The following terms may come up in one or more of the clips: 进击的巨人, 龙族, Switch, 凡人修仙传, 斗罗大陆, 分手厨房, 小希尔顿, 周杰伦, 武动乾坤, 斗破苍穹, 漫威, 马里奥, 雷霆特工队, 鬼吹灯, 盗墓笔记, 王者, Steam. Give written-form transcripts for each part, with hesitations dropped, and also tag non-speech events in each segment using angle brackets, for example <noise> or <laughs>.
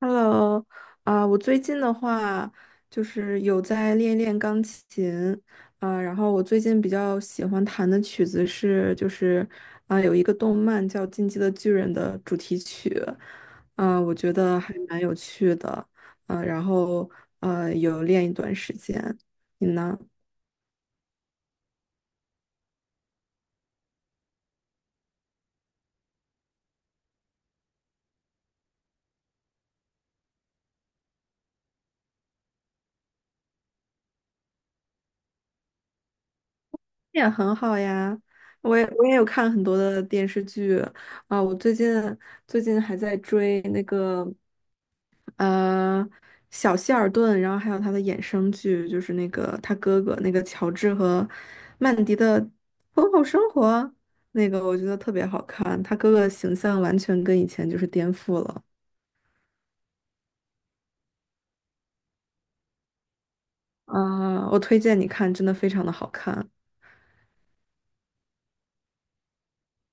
Hello，啊、我最近的话就是有在练练钢琴，啊、然后我最近比较喜欢弹的曲子是就是啊、有一个动漫叫《进击的巨人》的主题曲，啊、我觉得还蛮有趣的，啊、然后有练一段时间，你呢？也很好呀，我也有看很多的电视剧，啊、我最近还在追那个。呃，小希尔顿，然后还有他的衍生剧，就是那个他哥哥那个乔治和曼迪的婚后生活，那个我觉得特别好看，他哥哥的形象完全跟以前就是颠覆了。啊、我推荐你看，真的非常的好看。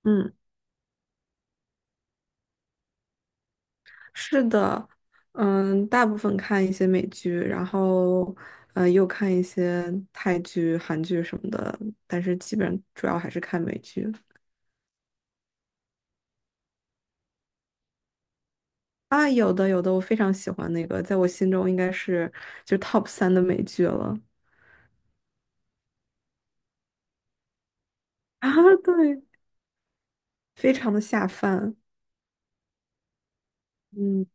嗯，是的，嗯，大部分看一些美剧，然后又看一些泰剧、韩剧什么的，但是基本上主要还是看美剧。啊，有的有的，我非常喜欢那个，在我心中应该是就是 top 三的美剧了啊，对，非常的下饭，嗯，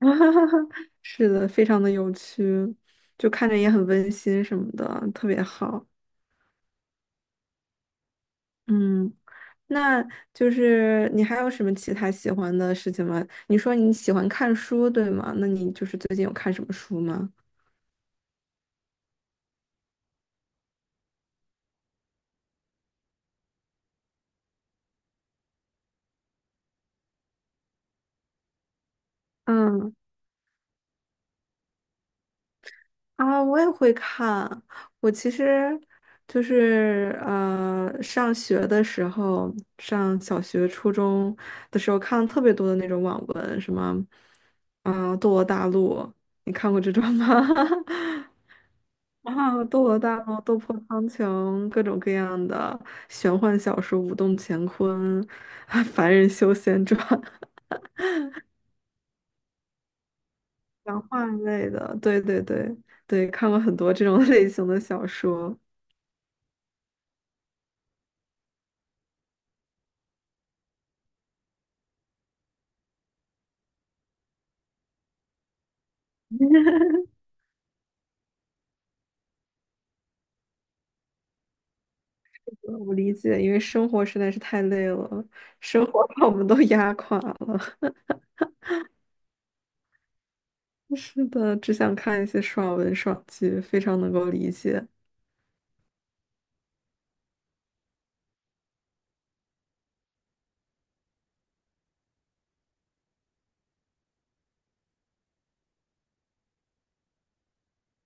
<laughs> 是的，非常的有趣，就看着也很温馨什么的，特别好，嗯，那就是你还有什么其他喜欢的事情吗？你说你喜欢看书，对吗？那你就是最近有看什么书吗？嗯。啊，我也会看。我其实就是上学的时候，上小学、初中的时候看了特别多的那种网文，什么，啊，《斗罗大陆》，你看过这种吗？<laughs> 啊，《斗罗大陆》《斗破苍穹》，各种各样的玄幻小说，《武动乾坤》<laughs>《凡人修仙传》，玄幻类的，对对对对，看过很多这种 <laughs> 类型的小说。我理解，因为生活实在是太累了，生活把我们都压垮了。<laughs> 是的，只想看一些爽文爽剧，非常能够理解。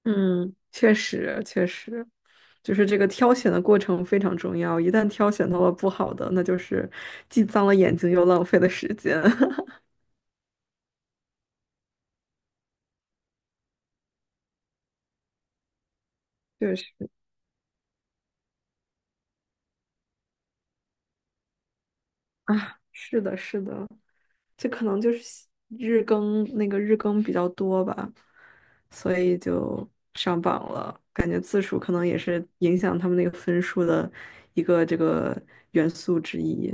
嗯，确实，确实，就是这个挑选的过程非常重要。一旦挑选到了不好的，那就是既脏了眼睛又浪费了时间。<laughs> 确实。啊，是的，是的，这可能就是日更那个日更比较多吧，所以就上榜了。感觉字数可能也是影响他们那个分数的一个这个元素之一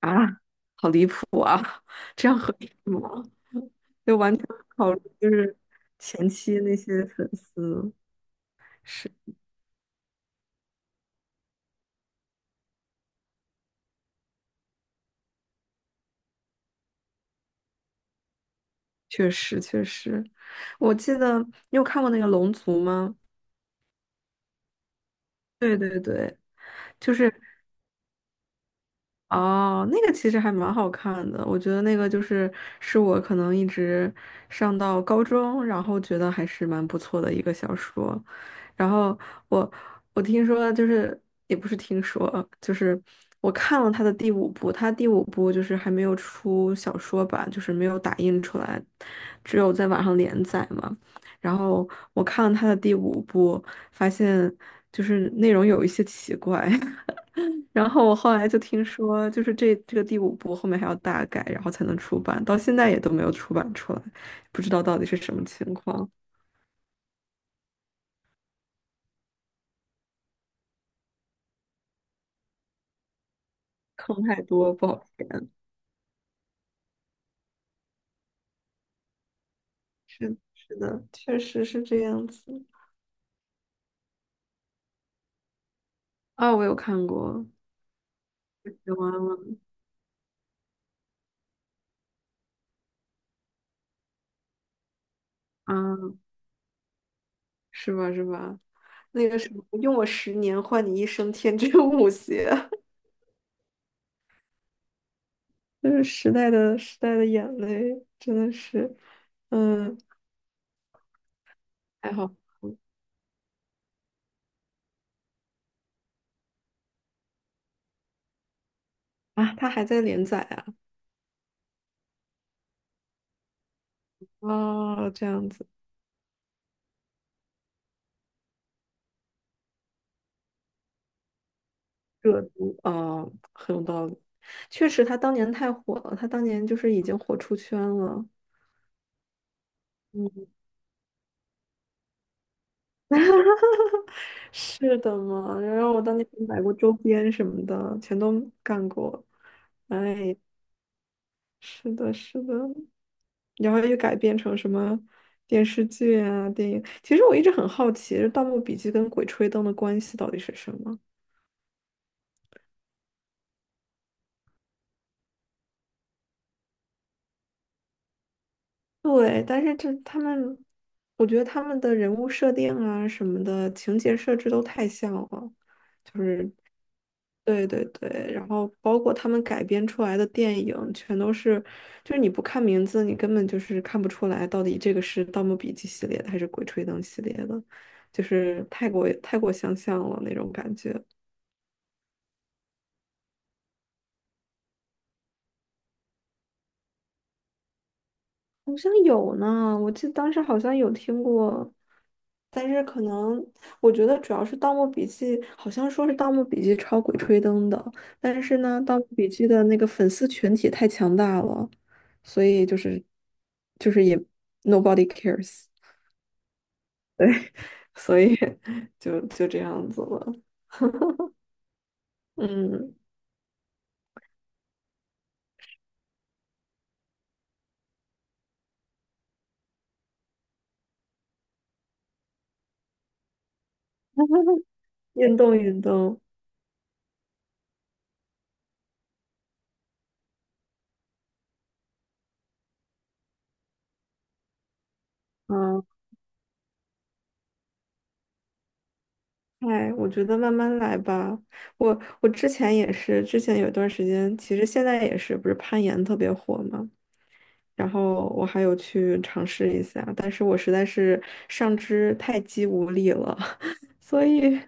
啊，好离谱啊！<laughs> 这样合理吗？就完全不考虑就是前期那些粉丝，是确实确实，我记得你有看过那个《龙族》吗？对对对。就是。哦，那个其实还蛮好看的，我觉得那个就是是我可能一直上到高中，然后觉得还是蛮不错的一个小说。然后我我听说就是也不是听说，就是我看了他的第五部，他第五部就是还没有出小说版，就是没有打印出来，只有在网上连载嘛。然后我看了他的第五部，发现就是内容有一些奇怪。<laughs> 然后我后来就听说，就是这个第五部后面还要大改，然后才能出版，到现在也都没有出版出来，不知道到底是什么情况，坑太多不好填。是是的，确实是这样子。啊，我有看过，有啊，啊，是吧是吧？那个什么，用我10年换你一生天真无邪，<laughs> 就是时代的眼泪，真的是，嗯，还好啊，他还在连载啊，哦，这样子。热度啊，很有道理。确实，他当年太火了，他当年就是已经火出圈了。嗯，<laughs> 是的嘛。然后我当年还买过周边什么的，全都干过。是的，是的。然后又改编成什么电视剧啊、电影。其实我一直很好奇，《就《盗墓笔记》跟《鬼吹灯》的关系到底是什么？对，但是这他们，我觉得他们的人物设定啊什么的情节设置都太像了，就是对对对，然后包括他们改编出来的电影，全都是，就是你不看名字，你根本就是看不出来到底这个是《盗墓笔记》系列的还是《鬼吹灯》系列的，就是太过太过相像了那种感觉。好像有呢，我记得当时好像有听过，但是可能我觉得主要是《盗墓笔记》，好像说是《盗墓笔记》抄《鬼吹灯》的，但是呢，《盗墓笔记》的那个粉丝群体太强大了，所以就是也 nobody cares，对，<laughs> 所以就这样子了，嗯，<laughs> 运动运动，嗯。哎，我觉得慢慢来吧。我之前也是，之前有一段时间，其实现在也是，不是攀岩特别火嘛。然后我还有去尝试一下，但是我实在是上肢太肌无力了，<laughs> 所以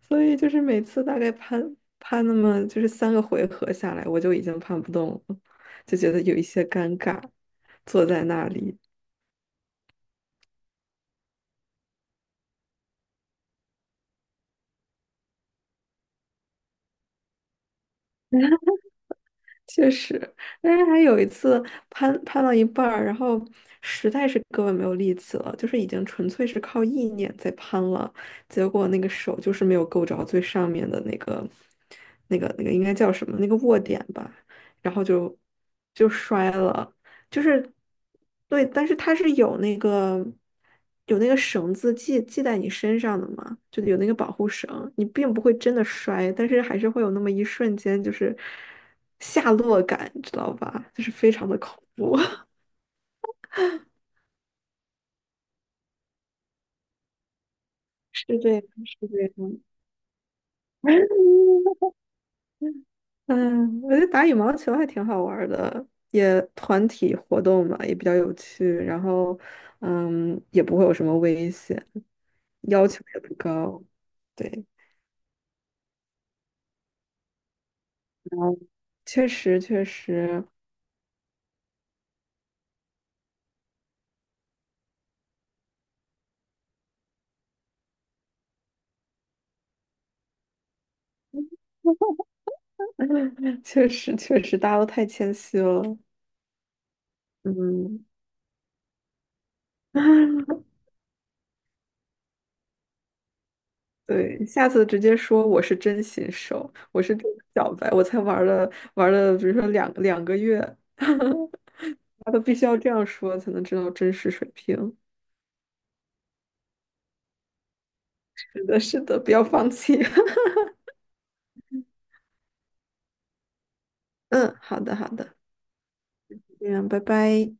所以就是每次大概攀攀那么就是3个回合下来，我就已经攀不动了，就觉得有一些尴尬，坐在那里。确实，但是还有一次攀到一半儿，然后实在是胳膊没有力气了，就是已经纯粹是靠意念在攀了，结果那个手就是没有够着最上面的那个、那个、那个应该叫什么？那个握点吧，然后就摔了，就是对，但是它是有那个有那个绳子系在你身上的嘛，就有那个保护绳，你并不会真的摔，但是还是会有那么一瞬间就是下落感，知道吧？就是非常的恐怖，<laughs> 是这样，是这样。<laughs> 嗯，我觉得打羽毛球还挺好玩儿的，也团体活动嘛，也比较有趣，然后嗯，也不会有什么危险，要求也不高，对。确实，确实，<laughs> 确实，确实，大家都太谦虚了。嗯，<laughs> 对，下次直接说我是真新手，我是真小白，我才玩了，比如说两个月，<laughs> 大家都必须要这样说才能知道真实水平。是的，是的，不要放弃。<laughs> 嗯，好的，好的，这样，拜拜。